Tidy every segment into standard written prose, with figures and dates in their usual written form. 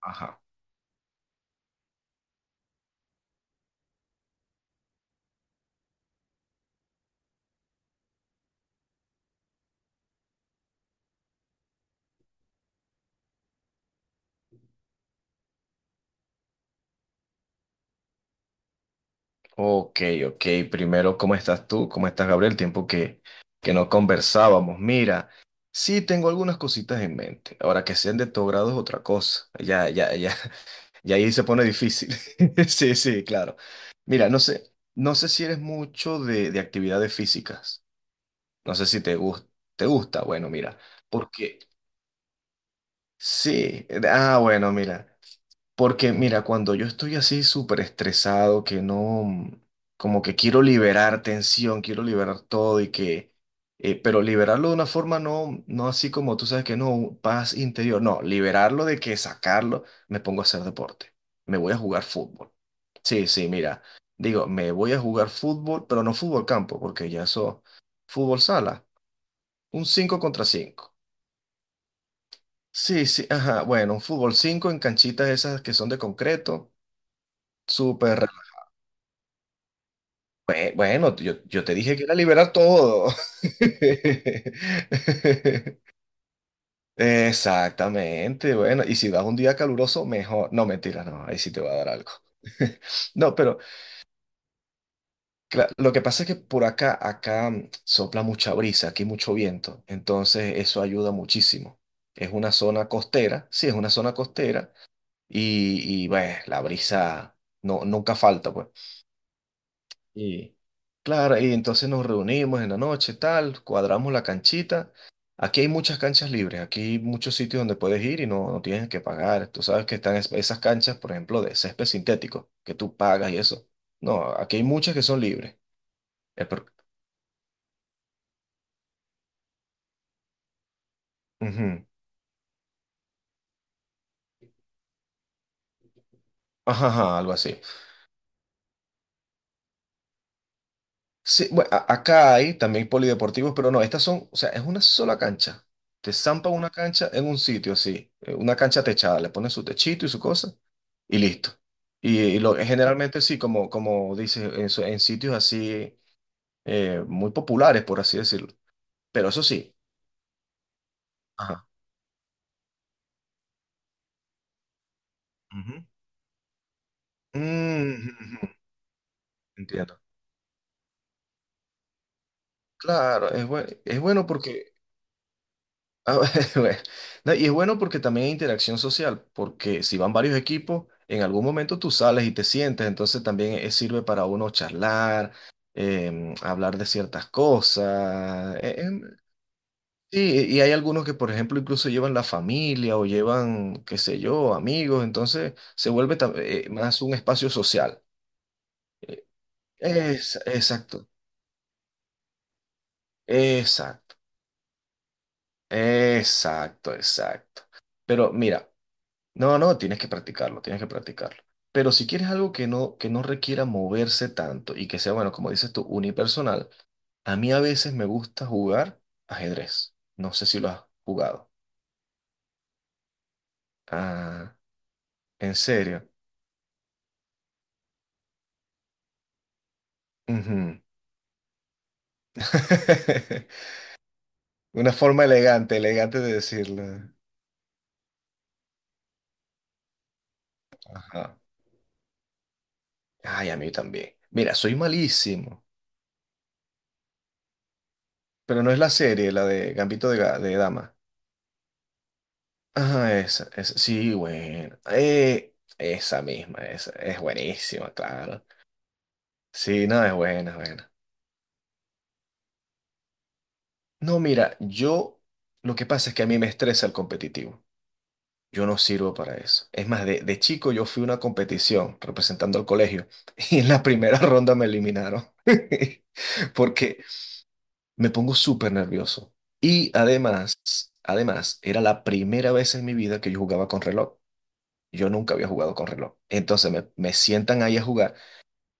Ajá. Ok, ok. Primero, ¿cómo estás tú? ¿Cómo estás, Gabriel? Tiempo que no conversábamos. Mira, sí tengo algunas cositas en mente. Ahora que sean de tu grado es otra cosa. Ya, ya, ya. Ya ahí se pone difícil. Sí, sí, claro. Mira, no sé si eres mucho de actividades físicas. No sé si te gusta. ¿Te gusta? Bueno, mira. Porque sí. Ah, bueno, mira. Porque mira, cuando yo estoy así súper estresado, que no, como que quiero liberar tensión, quiero liberar todo y que, pero liberarlo de una forma no, no así como tú sabes que no, paz interior, no, liberarlo de que sacarlo, me pongo a hacer deporte, me voy a jugar fútbol. Sí, sí, mira, digo, me voy a jugar fútbol, pero no fútbol campo, porque ya eso, fútbol sala, un 5 contra cinco. Sí, sí, ajá, bueno, un fútbol 5 en canchitas esas que son de concreto súper. Bueno, yo te dije que era liberar todo. Exactamente, bueno, y si vas un día caluroso, mejor. No, mentira, no, ahí sí te va a dar algo. No, pero lo que pasa es que por acá sopla mucha brisa, aquí mucho viento, entonces eso ayuda muchísimo. Es una zona costera, sí, es una zona costera, y bueno, la brisa no, nunca falta, pues. Y claro, y entonces nos reunimos en la noche, tal, cuadramos la canchita. Aquí hay muchas canchas libres, aquí hay muchos sitios donde puedes ir y no, no tienes que pagar. Tú sabes que están esas canchas, por ejemplo, de césped sintético, que tú pagas y eso. No, aquí hay muchas que son libres. El pro- Ujú. Ajá, ajá, algo así. Sí, bueno, acá hay también polideportivos, pero no, estas son, o sea, es una sola cancha. Te zampan una cancha en un sitio así, una cancha techada, le ponen su techito y su cosa y listo. Y generalmente sí, como dices, en sitios así muy populares, por así decirlo. Pero eso sí. Ajá. Ujú. Mm, ujú, ujú. Entiendo. Claro, es bueno porque. Ah, bueno. No, y es bueno porque también hay interacción social, porque si van varios equipos, en algún momento tú sales y te sientes, entonces también sirve para uno charlar, hablar de ciertas cosas. Sí, y hay algunos que, por ejemplo, incluso llevan la familia o llevan, qué sé yo, amigos, entonces se vuelve más un espacio social. Eh, exacto, exacto, exacto, exacto. Pero mira. No, no, tienes que practicarlo, tienes que practicarlo. Pero si quieres algo que no requiera moverse tanto y que sea, bueno, como dices tú, unipersonal, a mí a veces me gusta jugar ajedrez. No sé si lo has jugado. Ah, ¿en serio? Ujú. Una forma elegante, elegante de decirlo. Ajá. Ay, a mí también. Mira, soy malísimo, pero no es la serie, la de Gambito de Dama. Ah, esa, sí, bueno. Esa misma, esa, es buenísima, claro. Sí, no, es buena, es buena. No, mira, lo que pasa es que a mí me estresa el competitivo. Yo no sirvo para eso. Es más, de chico yo fui a una competición representando al colegio y en la primera ronda me eliminaron porque me pongo súper nervioso. Y además, además, era la primera vez en mi vida que yo jugaba con reloj. Yo nunca había jugado con reloj. Entonces me sientan ahí a jugar.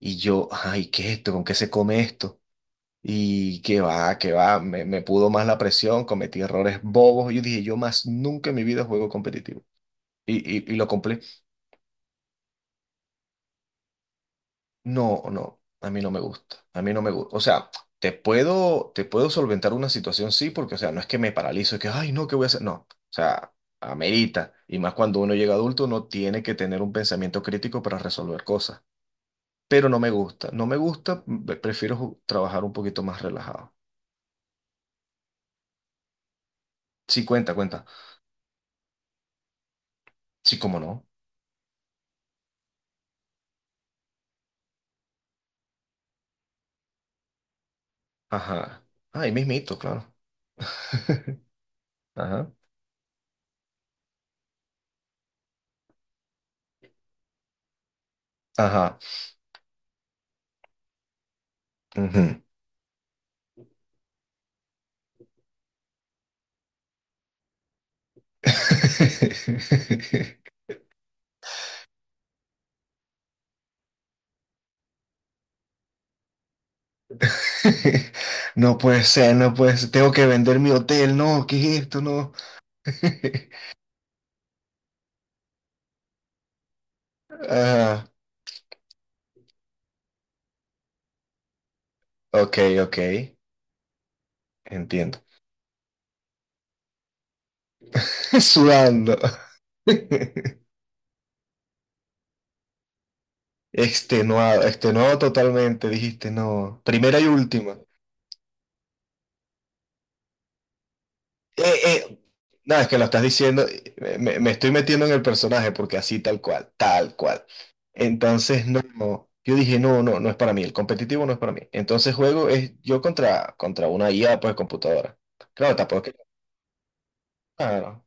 Y yo, ay, ¿qué es esto? ¿Con qué se come esto? Y qué va, me pudo más la presión, cometí errores bobos. Yo dije, yo más nunca en mi vida juego competitivo. Y, y lo compré. No, no, a mí no me gusta, a mí no me gusta. O sea, te puedo solventar una situación, sí, porque, o sea, no es que me paralizo, es que, ay, no, ¿qué voy a hacer? No, o sea, amerita. Y más cuando uno llega adulto, uno tiene que tener un pensamiento crítico para resolver cosas. Pero no me gusta, no me gusta, prefiero trabajar un poquito más relajado. Sí, cuenta, cuenta. Sí, cómo no. Ajá. Ahí mismito, claro. Ajá. Ajá. Ujú. No puede ser, no puede ser. Tengo que vender mi hotel, no, ¿qué es esto? No. Ah, ok, ok. Entiendo. Sudando. Extenuado, extenuado totalmente, dijiste, no. Primera y última. Eh, eh, no, es que lo estás diciendo, me estoy metiendo en el personaje porque así tal cual, tal cual. Entonces, no, no, yo dije, no, no, no es para mí, el competitivo no es para mí. Entonces juego es yo contra una IA, pues computadora. Claro, tampoco es que. Claro.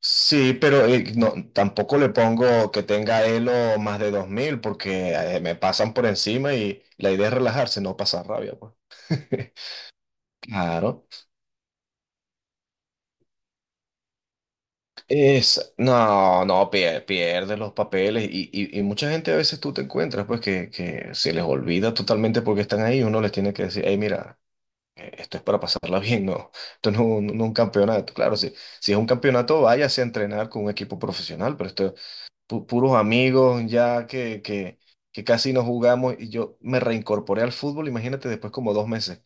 Sí, pero no, tampoco le pongo que tenga Elo más de 2000 porque me pasan por encima y la idea es relajarse, no pasar rabia, pues. Claro. No, no, pierde los papeles y mucha gente a veces tú te encuentras pues que se les olvida totalmente porque están ahí, uno les tiene que decir, hey, mira, esto es para pasarla bien, no, esto no, no, no es un campeonato, claro, si es un campeonato váyase a entrenar con un equipo profesional, pero esto, puros amigos ya que casi no jugamos y yo me reincorporé al fútbol, imagínate, después como 2 meses,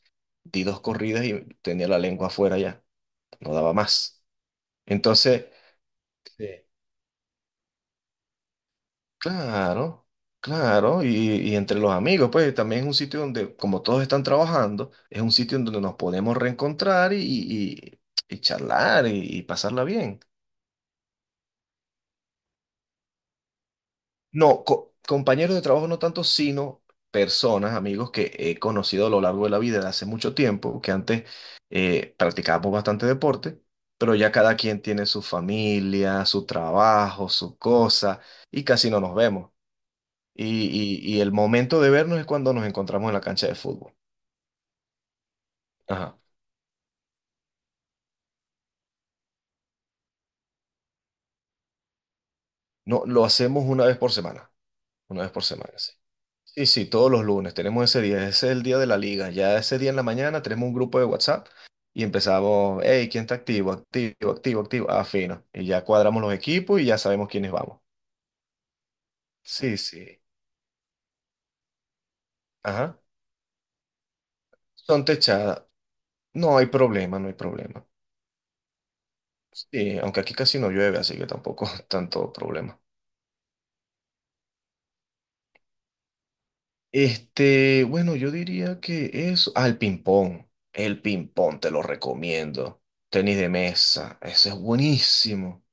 di dos corridas y tenía la lengua afuera ya, no daba más. Entonces. Sí. Claro, claro, y entre los amigos, pues también es un sitio donde, como todos están trabajando, es un sitio en donde nos podemos reencontrar y charlar y pasarla bien. No, compañeros de trabajo no tanto, sino personas, amigos que he conocido a lo largo de la vida de hace mucho tiempo, que antes practicábamos bastante deporte, pero ya cada quien tiene su familia, su trabajo, su cosa, y casi no nos vemos. Y el momento de vernos es cuando nos encontramos en la cancha de fútbol. Ajá. No, lo hacemos una vez por semana, una vez por semana, sí. Sí, sí, todos los lunes tenemos ese día, ese es el día de la liga. Ya ese día en la mañana tenemos un grupo de WhatsApp y empezamos, hey, ¿quién está activo? Activo, activo, activo. Ah, fino. Y ya cuadramos los equipos y ya sabemos quiénes vamos. Sí, sí. Ajá. Son techadas. No hay problema, no hay problema. Sí, aunque aquí casi no llueve, así que tampoco tanto problema. Bueno, yo diría que eso. Ah, el ping-pong. El ping-pong te lo recomiendo. Tenis de mesa. Eso es buenísimo.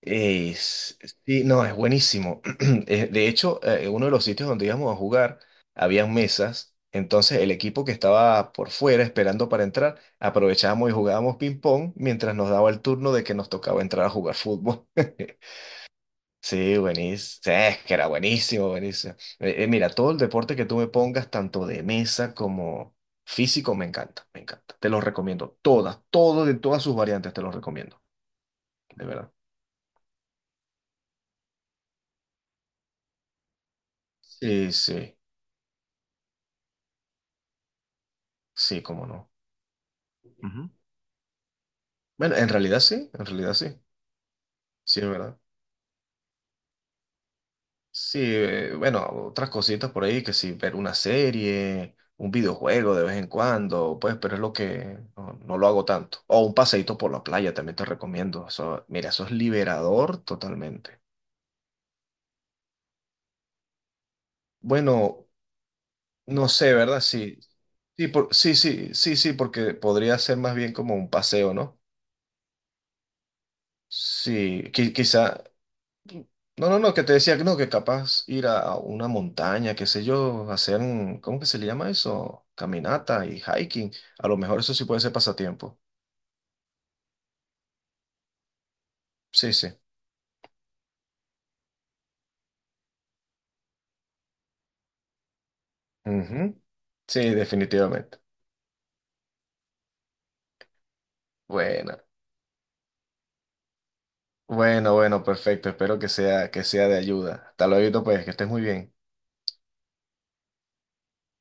Es, sí, no, es buenísimo. De hecho, uno de los sitios donde íbamos a jugar, habían mesas. Entonces, el equipo que estaba por fuera esperando para entrar, aprovechábamos y jugábamos ping-pong mientras nos daba el turno de que nos tocaba entrar a jugar fútbol. Sí, buenísimo. Sí, es que era buenísimo, buenísimo. Mira, todo el deporte que tú me pongas, tanto de mesa como físico, me encanta, me encanta. Te los recomiendo. Todo de todas sus variantes te los recomiendo, de verdad. Sí, sí, sí, cómo no. Ujú. Bueno, en realidad sí, en realidad sí. Sí, es verdad. Sí, bueno, otras cositas por ahí que sí, ver una serie, un videojuego de vez en cuando, pues, pero es lo que no lo hago tanto. O un paseíto por la playa también te recomiendo. Eso, mira, eso es liberador totalmente. Bueno, no sé, ¿verdad? Sí, sí, sí, sí, sí, sí, porque podría ser más bien como un paseo, ¿no? Sí, quizá. No, no, no, que te decía que no, que capaz ir a una montaña, qué sé yo, hacer, ¿cómo que se le llama eso? Caminata y hiking. A lo mejor eso sí puede ser pasatiempo. Sí, sí. Ujú. Sí, definitivamente. Bueno, bueno, bueno, perfecto. Espero que sea de ayuda. Hasta luego, pues, que estés muy bien.